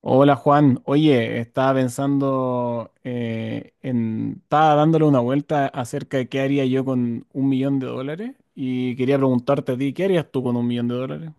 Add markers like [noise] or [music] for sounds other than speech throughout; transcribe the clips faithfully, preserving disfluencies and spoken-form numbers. Hola Juan, oye, estaba pensando eh, en, estaba dándole una vuelta acerca de qué haría yo con un millón de dólares y quería preguntarte a ti, ¿qué harías tú con un millón de dólares?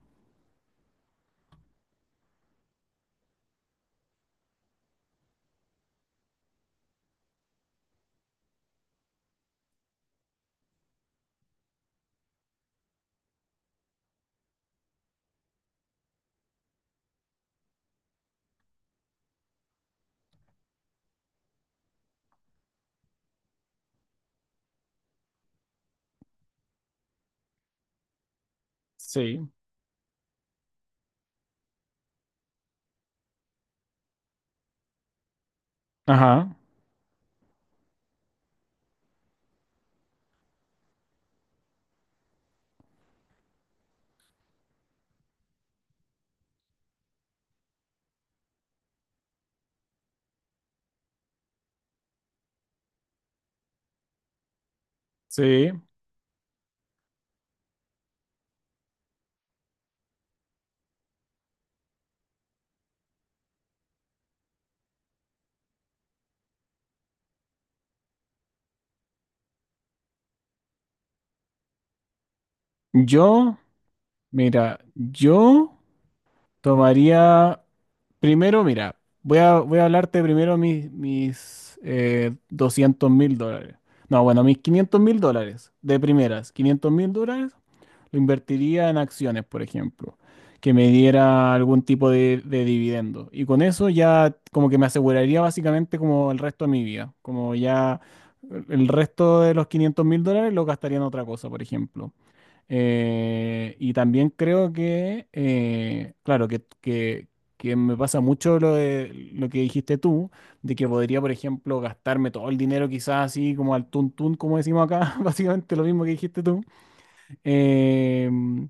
Sí. Ajá, sí. Yo, mira, yo tomaría, primero, mira, voy a, voy a hablarte primero mis, mis eh, doscientos mil dólares. No, bueno, mis quinientos mil dólares, de primeras, quinientos mil dólares. Lo invertiría en acciones, por ejemplo, que me diera algún tipo de, de dividendo. Y con eso ya como que me aseguraría básicamente como el resto de mi vida. Como ya el resto de los quinientos mil dólares lo gastaría en otra cosa, por ejemplo. Eh, y también creo que, eh, claro, que, que, que me pasa mucho lo, de, lo que dijiste tú, de que podría, por ejemplo, gastarme todo el dinero quizás así como al tuntún, como decimos acá, [laughs] básicamente lo mismo que dijiste tú. Em,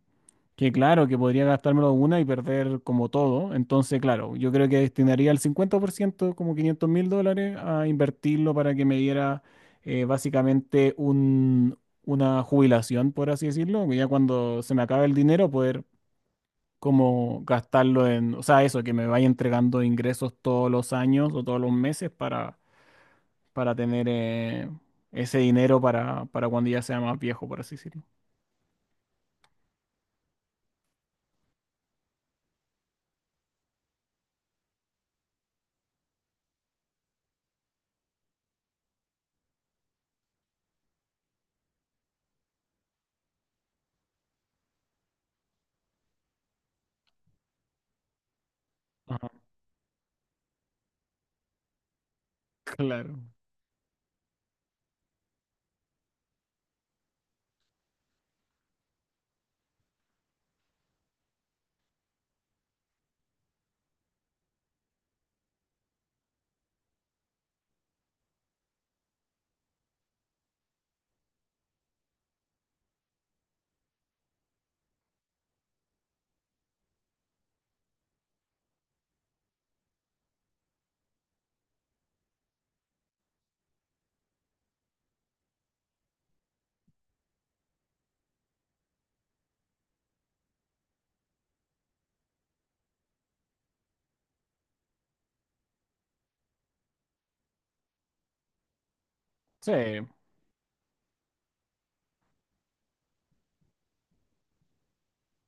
que claro, que podría gastármelo una y perder como todo. Entonces, claro, yo creo que destinaría el cincuenta por ciento, como quinientos mil dólares, a invertirlo para que me diera eh, básicamente un, una jubilación, por así decirlo. Que Ya cuando se me acabe el dinero, poder como gastarlo en, o sea, eso, que me vaya entregando ingresos todos los años o todos los meses para, para tener eh, ese dinero para, para cuando ya sea más viejo, por así decirlo. Ajá, claro. Sí,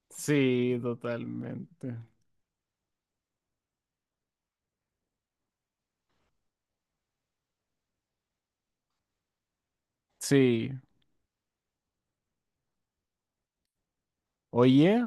sí, totalmente. Sí. Oye.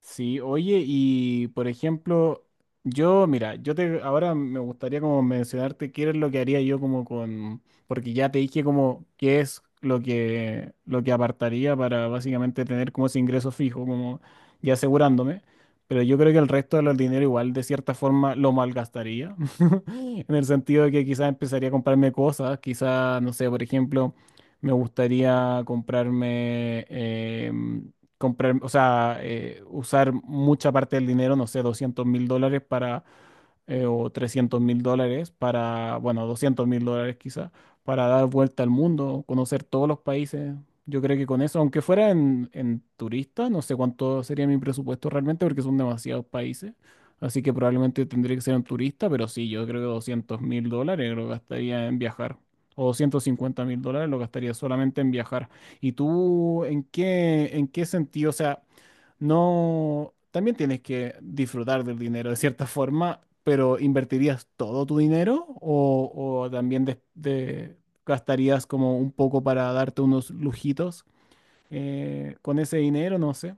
Sí, oye, y por ejemplo, yo, mira, yo te ahora me gustaría como mencionarte qué es lo que haría yo como con, porque ya te dije como qué es lo que lo que apartaría para básicamente tener como ese ingreso fijo, como ya asegurándome, pero yo creo que el resto del dinero igual de cierta forma lo malgastaría, [laughs] en el sentido de que quizás empezaría a comprarme cosas, quizás, no sé, por ejemplo, me gustaría comprarme, em, comprar, o sea, eh, usar mucha parte del dinero, no sé, doscientos mil dólares para eh, o trescientos mil dólares para, bueno, doscientos mil dólares quizá, para dar vuelta al mundo, conocer todos los países. Yo creo que con eso, aunque fuera en, en turista, no sé cuánto sería mi presupuesto realmente porque son demasiados países. Así que probablemente tendría que ser un turista, pero sí, yo creo que doscientos mil dólares lo gastaría en viajar. O doscientos cincuenta mil dólares lo gastaría solamente en viajar. ¿Y tú en qué, en qué sentido? O sea, no, también tienes que disfrutar del dinero de cierta forma, pero ¿invertirías todo tu dinero, o, o también des- de- gastarías como un poco para darte unos lujitos eh, con ese dinero? No sé.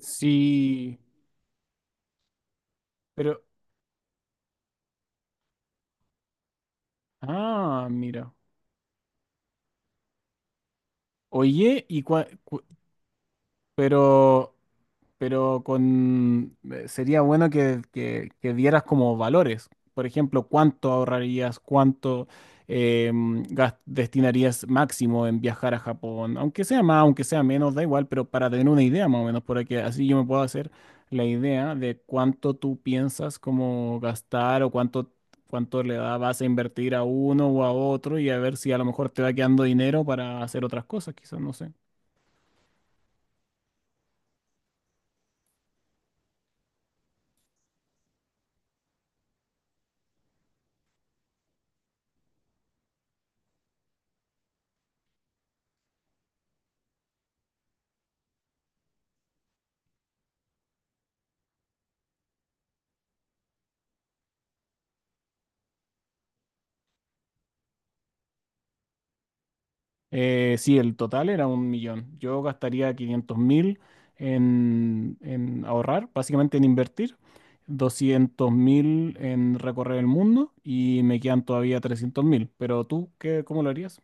Sí, pero... Ah, mira. Oye, y cua- cu- pero pero con eh, sería bueno que, que- que dieras como valores. Por ejemplo, cuánto ahorrarías, cuánto eh, gas- destinarías máximo en viajar a Japón, aunque sea más, aunque sea menos, da igual, pero para tener una idea más o menos, para que así yo me pueda hacer la idea de cuánto tú piensas como gastar o cuánto, cuánto le da, vas a invertir a uno o a otro y a ver si a lo mejor te va quedando dinero para hacer otras cosas, quizás, no sé. Eh, sí, el total era un millón. Yo gastaría quinientos mil en, en ahorrar, básicamente en invertir, doscientos mil en recorrer el mundo y me quedan todavía trescientos mil. Pero tú, qué, ¿cómo lo harías?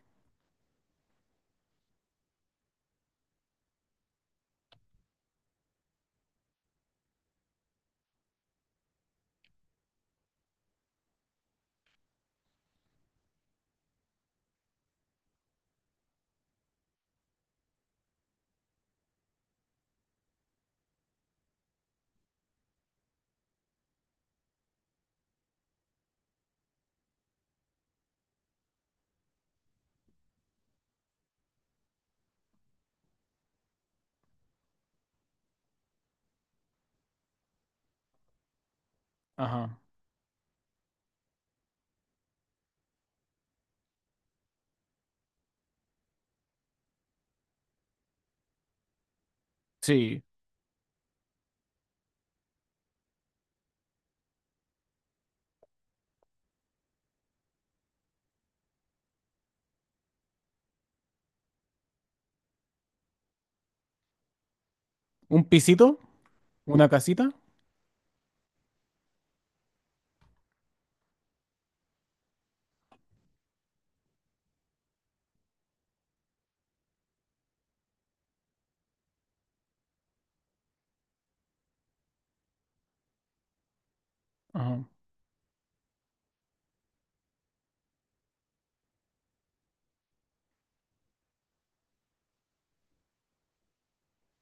Ajá. Sí, un pisito, una casita. Ajá.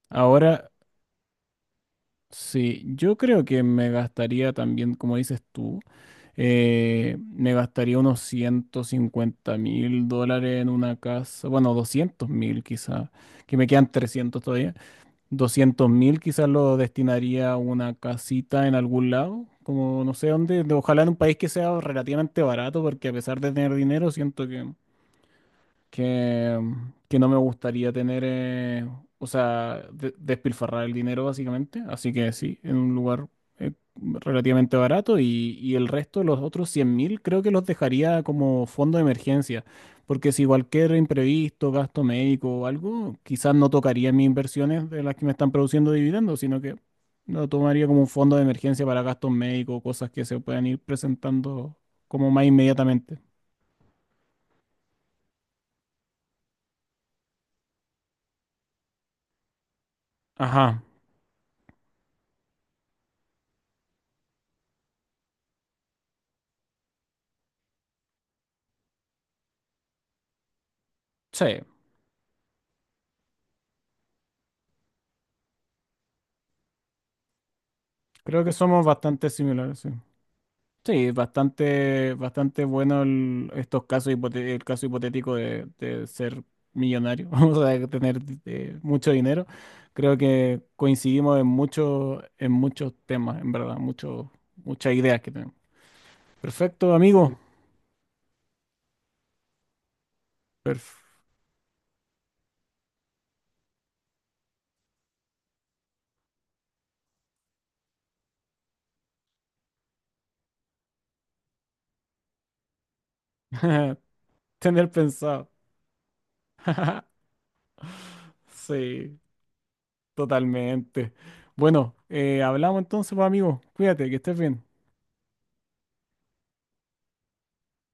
Ahora, sí, yo creo que me gastaría también, como dices tú, eh, me gastaría unos ciento cincuenta mil dólares en una casa, bueno, doscientos mil quizá, que me quedan trescientos todavía. Doscientos mil quizás lo destinaría a una casita en algún lado, como no sé dónde, de- ojalá en un país que sea relativamente barato, porque a pesar de tener dinero, siento que que, que no me gustaría tener, eh, o sea, de- despilfarrar el dinero básicamente. Así que sí, en un lugar eh, relativamente barato y, y el resto, los otros cien mil, creo que los dejaría como fondo de emergencia. Porque si cualquier imprevisto, gasto médico o algo, quizás no tocaría mis inversiones de las que me están produciendo dividendos, sino que lo tomaría como un fondo de emergencia para gastos médicos, cosas que se puedan ir presentando como más inmediatamente. Ajá. Sí. Creo que somos bastante similares, sí. Sí, bastante, bastante bueno el- estos casos, hipote- el caso hipotético de, de ser millonario, [laughs] vamos a tener eh, mucho dinero. Creo que coincidimos en muchos, en muchos temas, en verdad, mucho, muchas ideas que tenemos. Perfecto, amigo. Perf- [laughs] Tener pensado. [laughs] Sí, totalmente. Bueno, eh, hablamos entonces, pues, amigo. Cuídate, que estés bien.